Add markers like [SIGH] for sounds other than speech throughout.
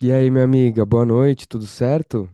E aí, minha amiga, boa noite, tudo certo?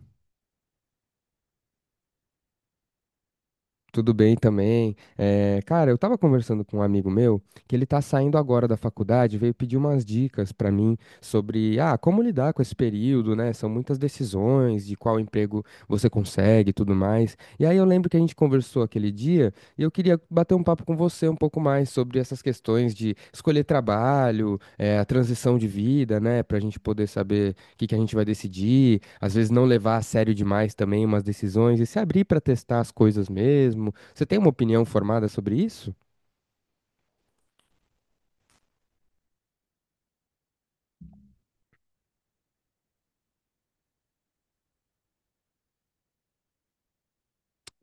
Tudo bem também. Cara, eu tava conversando com um amigo meu que ele tá saindo agora da faculdade, veio pedir umas dicas pra mim sobre, como lidar com esse período, né? São muitas decisões de qual emprego você consegue e tudo mais. E aí eu lembro que a gente conversou aquele dia e eu queria bater um papo com você um pouco mais sobre essas questões de escolher trabalho, a transição de vida, né? Pra gente poder saber o que que a gente vai decidir, às vezes não levar a sério demais também umas decisões e se abrir para testar as coisas mesmo. Você tem uma opinião formada sobre isso?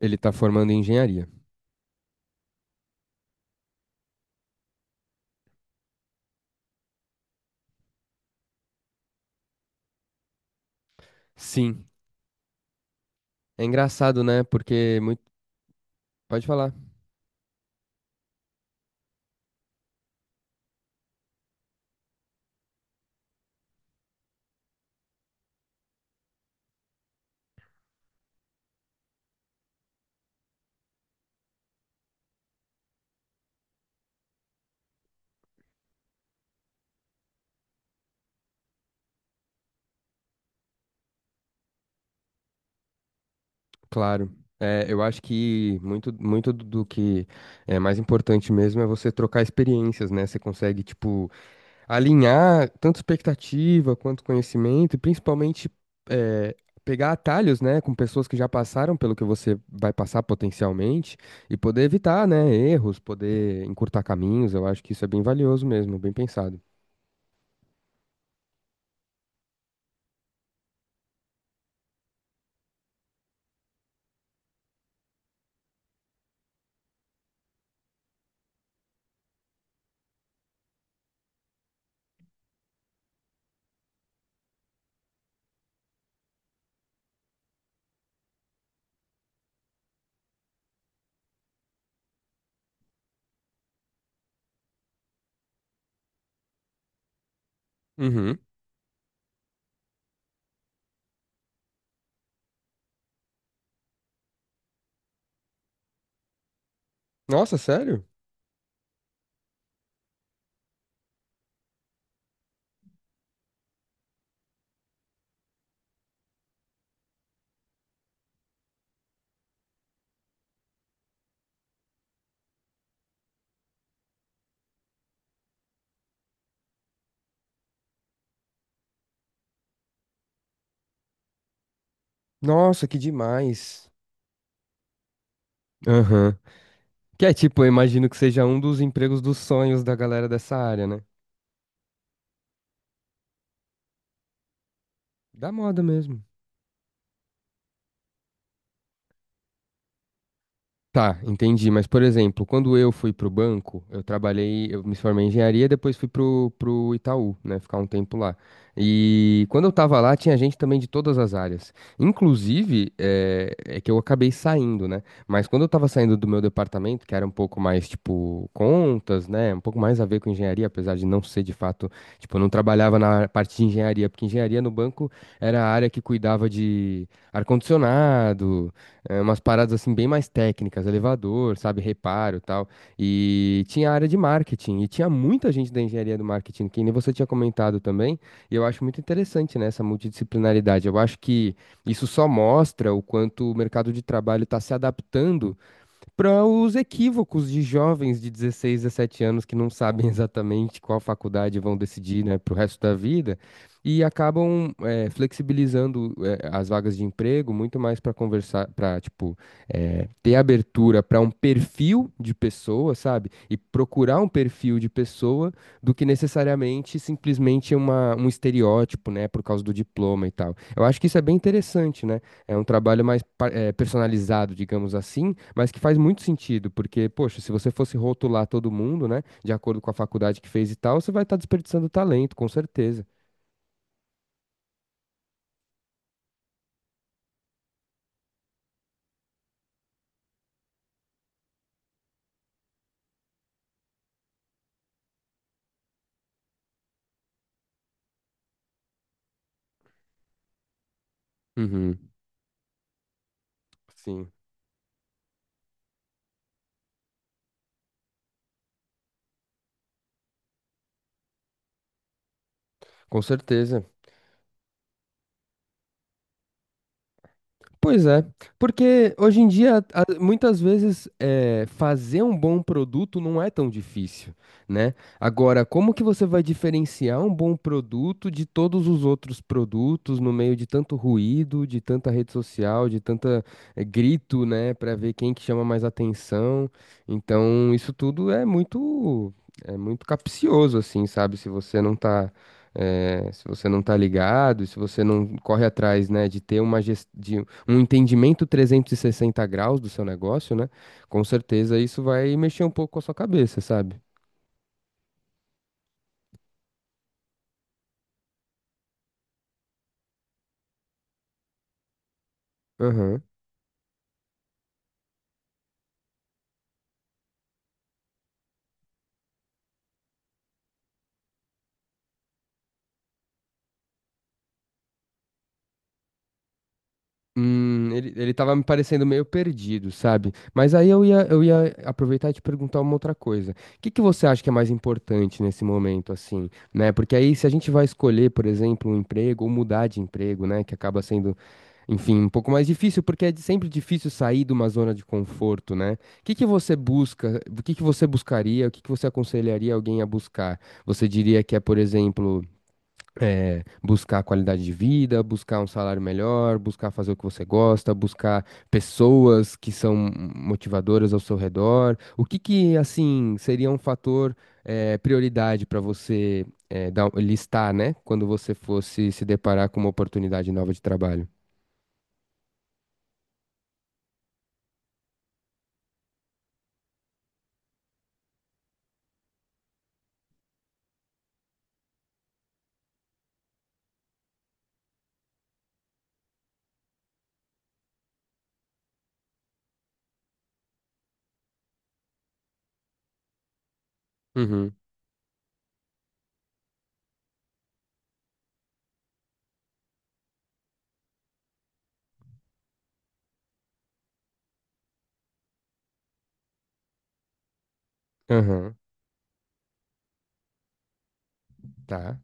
Ele está formando em engenharia. Sim, é engraçado, né? Porque muito... pode falar. Claro. É, eu acho que muito, muito do que é mais importante mesmo é você trocar experiências, né? Você consegue, tipo, alinhar tanto expectativa quanto conhecimento, e principalmente eh, pegar atalhos, né, com pessoas que já passaram pelo que você vai passar potencialmente e poder evitar, né, erros, poder encurtar caminhos. Eu acho que isso é bem valioso mesmo, bem pensado. Uhum. Nossa, sério? Nossa, que demais. Aham. Que é tipo, eu imagino que seja um dos empregos dos sonhos da galera dessa área, né? Da moda mesmo. Tá, entendi. Mas, por exemplo, quando eu fui pro banco, eu trabalhei, eu me formei em engenharia, depois fui pro, pro Itaú, né, ficar um tempo lá. E quando eu tava lá, tinha gente também de todas as áreas. Inclusive, é que eu acabei saindo, né? Mas quando eu tava saindo do meu departamento, que era um pouco mais, tipo, contas, né, um pouco mais a ver com engenharia, apesar de não ser de fato, tipo, eu não trabalhava na parte de engenharia, porque engenharia no banco era a área que cuidava de ar-condicionado, umas paradas assim bem mais técnicas, elevador, sabe, reparo, e tal. E tinha a área de marketing e tinha muita gente da engenharia do marketing, que nem você tinha comentado também. E eu acho muito interessante, né, essa multidisciplinaridade. Eu acho que isso só mostra o quanto o mercado de trabalho está se adaptando para os equívocos de jovens de 16, 17 anos que não sabem [LAUGHS] exatamente qual faculdade vão decidir, né, para o resto da vida e acabam flexibilizando as vagas de emprego muito mais para conversar, para tipo ter abertura para um perfil de pessoa, sabe? E procurar um perfil de pessoa do que necessariamente simplesmente uma, um estereótipo, né, por causa do diploma e tal. Eu acho que isso é bem interessante, né? É um trabalho mais personalizado, digamos assim, mas que faz muito sentido, porque, poxa, se você fosse rotular todo mundo, né, de acordo com a faculdade que fez e tal, você vai estar desperdiçando talento, com certeza. Uhum. Sim, com certeza. Pois é, porque hoje em dia, muitas vezes, fazer um bom produto não é tão difícil, né? Agora, como que você vai diferenciar um bom produto de todos os outros produtos no meio de tanto ruído, de tanta rede social, de tanta, grito, né, para ver quem que chama mais atenção? Então, isso tudo é muito capcioso, assim, sabe? Se você não tá se você não tá ligado, e se você não corre atrás, né, de ter uma gestão, um entendimento 360 graus do seu negócio, né? Com certeza isso vai mexer um pouco com a sua cabeça, sabe? Aham. Ele tava me parecendo meio perdido, sabe? Mas aí eu ia aproveitar e te perguntar uma outra coisa. O que que você acha que é mais importante nesse momento, assim, né? Porque aí se a gente vai escolher, por exemplo, um emprego ou mudar de emprego, né? Que acaba sendo. Enfim, um pouco mais difícil, porque é sempre difícil sair de uma zona de conforto, né? O que que você busca? O que que você buscaria? O que que você aconselharia alguém a buscar? Você diria que é, por exemplo, buscar qualidade de vida, buscar um salário melhor, buscar fazer o que você gosta, buscar pessoas que são motivadoras ao seu redor. O que que, assim, seria um fator, prioridade para você, listar, né? Quando você fosse se deparar com uma oportunidade nova de trabalho? Aham, tá.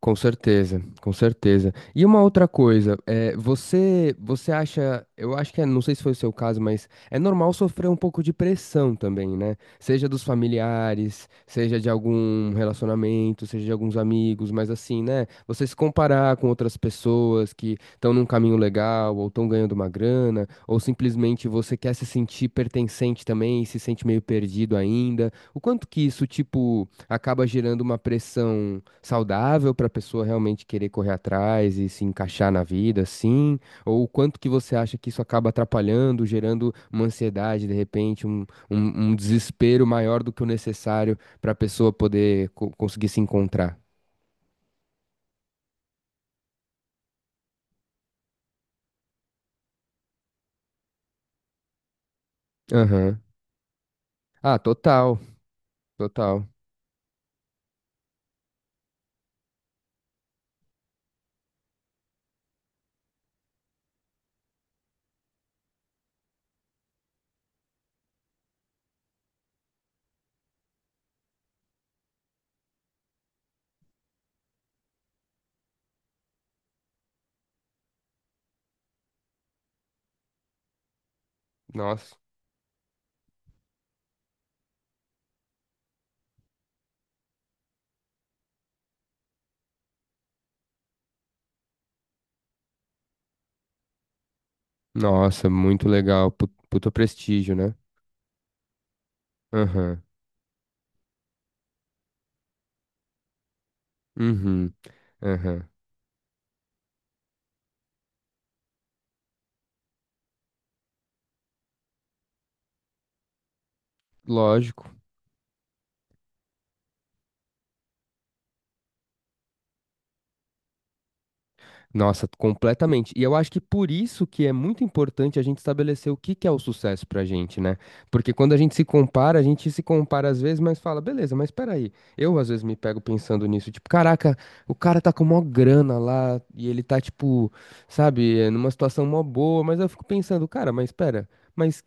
Com certeza, com certeza. E uma outra coisa, você, você acha, eu acho que é, não sei se foi o seu caso, mas é normal sofrer um pouco de pressão também, né? Seja dos familiares, seja de algum relacionamento, seja de alguns amigos, mas assim, né? Você se comparar com outras pessoas que estão num caminho legal, ou estão ganhando uma grana, ou simplesmente você quer se sentir pertencente também e se sente meio perdido ainda. O quanto que isso, tipo, acaba gerando uma pressão? Saudável para a pessoa realmente querer correr atrás e se encaixar na vida, sim? Ou o quanto que você acha que isso acaba atrapalhando, gerando uma ansiedade, de repente, um desespero maior do que o necessário para a pessoa poder conseguir se encontrar? Aham. Ah, total, total. Nossa. Nossa, muito legal. Puta prestígio, né? Aham. Uhum. Aham. Lógico. Nossa, completamente. E eu acho que por isso que é muito importante a gente estabelecer o que que é o sucesso pra gente, né? Porque quando a gente se compara, a gente se compara às vezes, mas fala, beleza, mas peraí. Eu às vezes me pego pensando nisso, tipo, caraca, o cara tá com mó grana lá e ele tá, tipo, sabe, é, numa situação mó boa, mas eu fico pensando, cara, mas pera, mas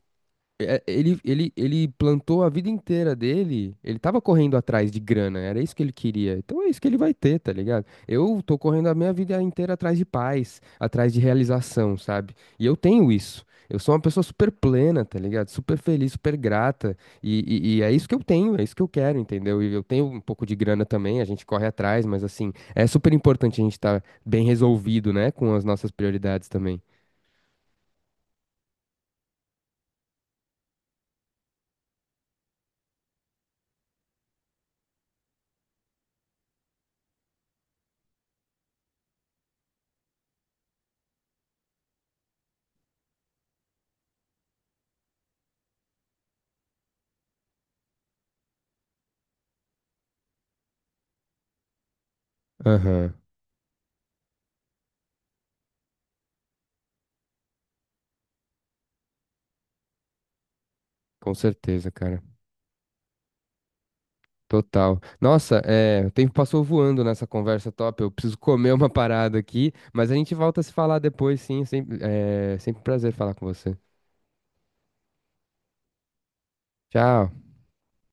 é, ele plantou a vida inteira dele, ele tava correndo atrás de grana, era isso que ele queria. Então é isso que ele vai ter, tá ligado? Eu tô correndo a minha vida inteira atrás de paz, atrás de realização, sabe? E eu tenho isso. Eu sou uma pessoa super plena, tá ligado? Super feliz, super grata. E é isso que eu tenho, é isso que eu quero, entendeu? E eu tenho um pouco de grana também, a gente corre atrás, mas assim, é super importante a gente estar bem resolvido, né? Com as nossas prioridades também. Aham, com certeza, cara. Total. Nossa, é, o tempo passou voando nessa conversa top. Eu preciso comer uma parada aqui, mas a gente volta a se falar depois, sim. Sempre, é sempre um prazer falar com você. Tchau.